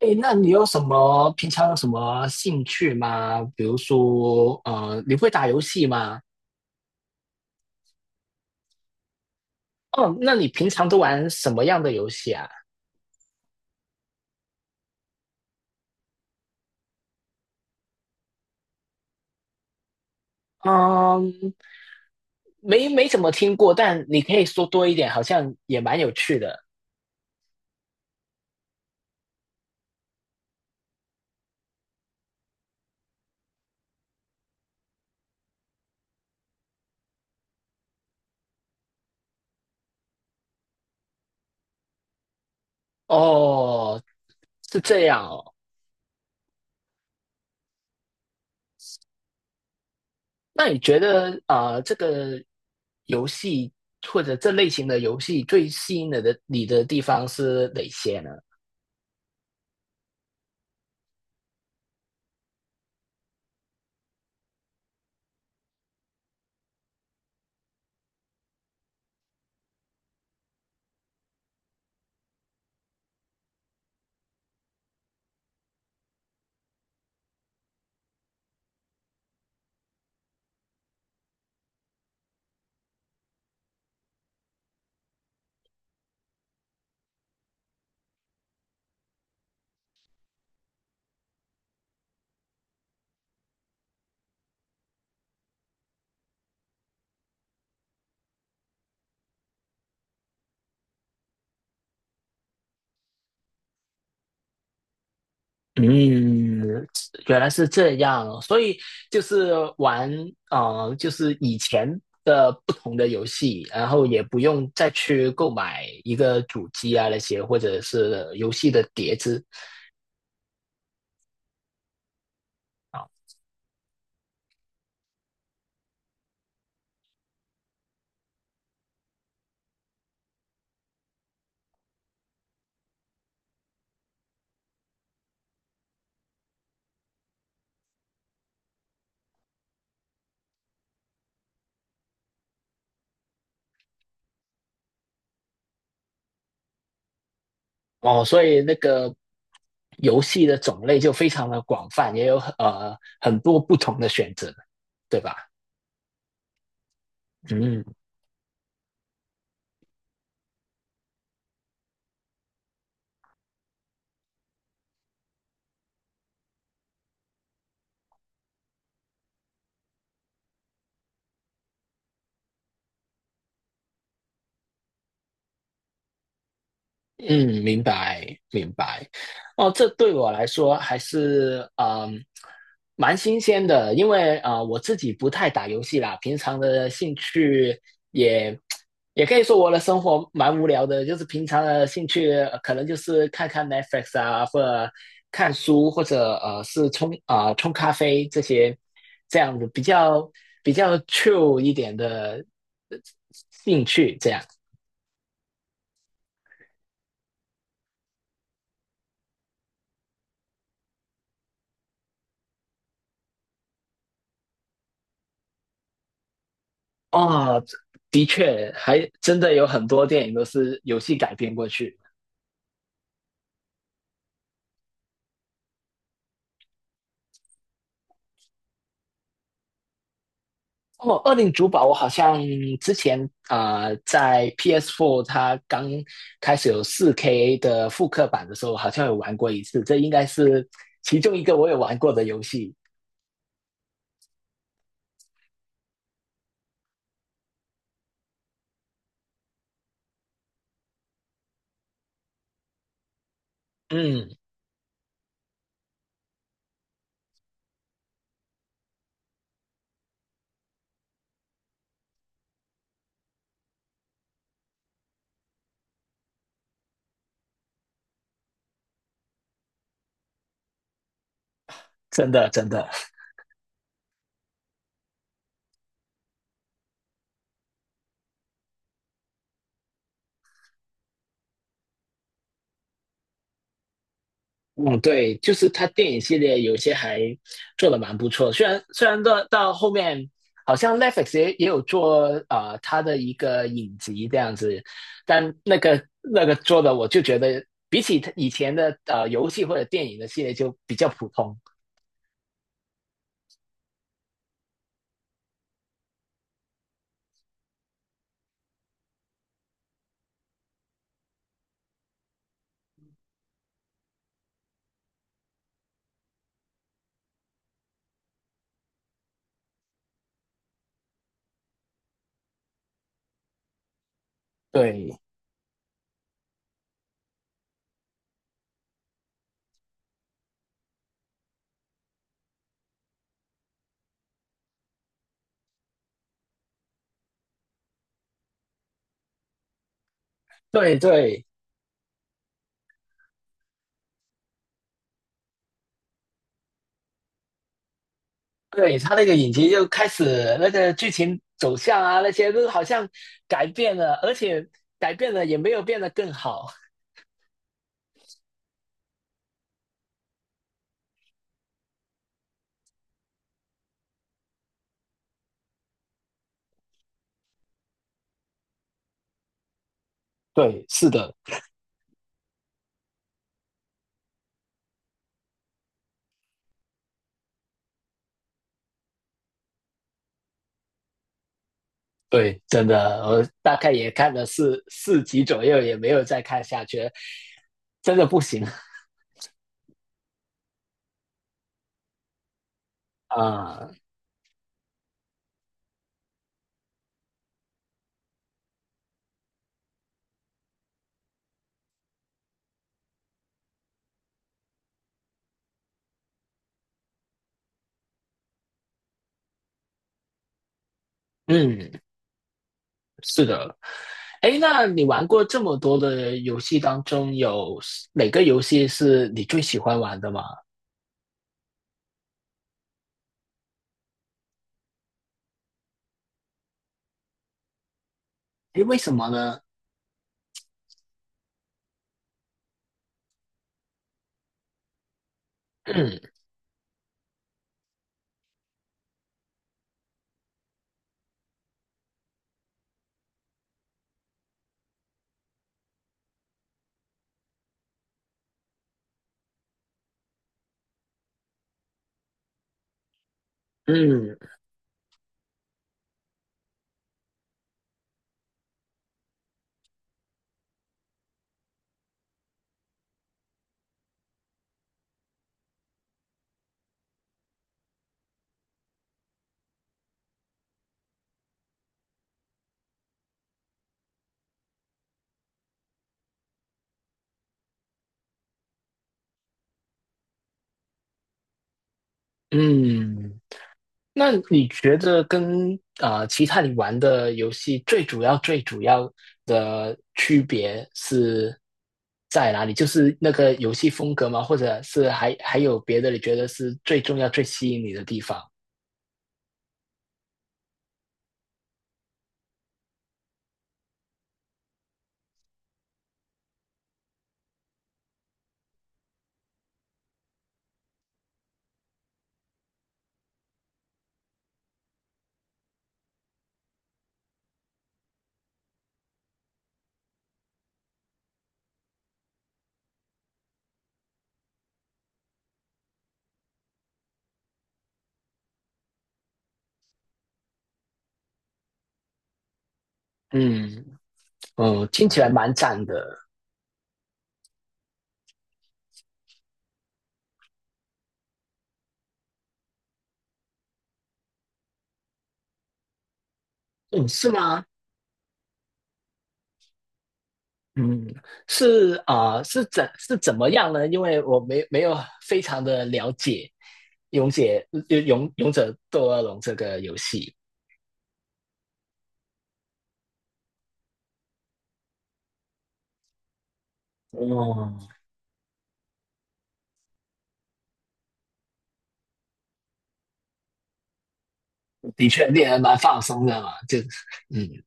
诶，那你有什么平常有什么兴趣吗？比如说，你会打游戏吗？哦，那你平常都玩什么样的游戏啊？嗯，没怎么听过，但你可以说多一点，好像也蛮有趣的。哦，是这样哦。那你觉得，这个游戏或者这类型的游戏最吸引你的地方是哪些呢？嗯，原来是这样，所以就是玩，就是以前的不同的游戏，然后也不用再去购买一个主机啊那些，或者是游戏的碟子啊。哦，所以那个游戏的种类就非常的广泛，也有很多不同的选择，对吧？嗯。嗯，明白明白。哦，这对我来说还是蛮新鲜的，因为啊、我自己不太打游戏啦，平常的兴趣也也可以说我的生活蛮无聊的，就是平常的兴趣、可能就是看看 Netflix 啊，或者看书，或者是冲啊、冲咖啡这些这样子比较 true 一点的呃兴趣这样。哦，的确，还真的有很多电影都是游戏改编过去。哦，《恶灵主堡》我好像之前啊、在 PS4 它刚开始有4K 的复刻版的时候，好像有玩过一次。这应该是其中一个我有玩过的游戏。嗯，真的真的。嗯，对，就是他电影系列有些还做的蛮不错，虽然到后面好像 Netflix 也有做啊，他的一个影集这样子，但那个做的我就觉得比起他以前的游戏或者电影的系列就比较普通。对对对对，他那个影集就开始那个剧情走向啊那些都好像改变了，而且改变了也没有变得更好。对，是的。对，真的，我大概也看了四集左右，也没有再看下去了，真的不行 啊。嗯，是的。哎，那你玩过这么多的游戏当中，有哪个游戏是你最喜欢玩的吗？哎，为什么呢？嗯嗯嗯，那你觉得跟其他你玩的游戏最主要的区别是在哪里？就是那个游戏风格吗？或者是还有别的？你觉得是最重要、最吸引你的地方？嗯，嗯，听起来蛮赞的。嗯，是吗？嗯，是啊，是怎么样呢？因为我没有非常的了解《勇者勇者斗恶龙》这个游戏。哦。的确令人蛮放松的嘛，就嗯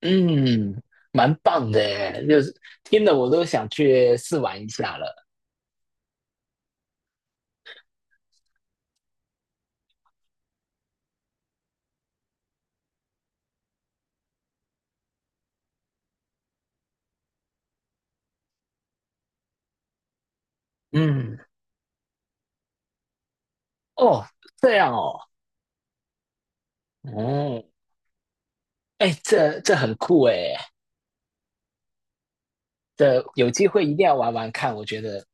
嗯，蛮棒的耶，就是听了我都想去试玩一下了。嗯，哦，这样哦。哦，哎，这很酷哎，这有机会一定要玩玩看，我觉得，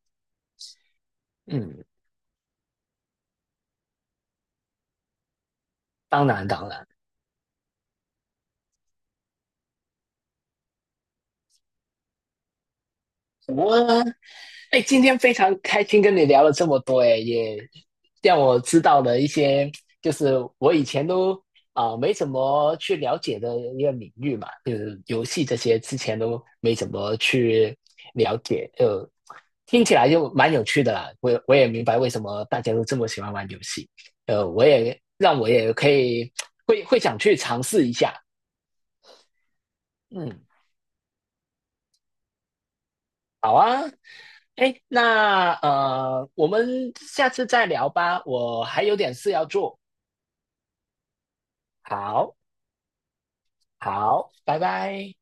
嗯，当然当然，我哎，今天非常开心跟你聊了这么多，哎，也让我知道了一些，就是我以前都啊、没怎么去了解的一个领域嘛，就是游戏这些之前都没怎么去了解，就听起来就蛮有趣的啦。我也明白为什么大家都这么喜欢玩游戏，我也让我也可以会想去尝试一下，嗯。好啊，哎，那我们下次再聊吧，我还有点事要做。好，好，拜拜。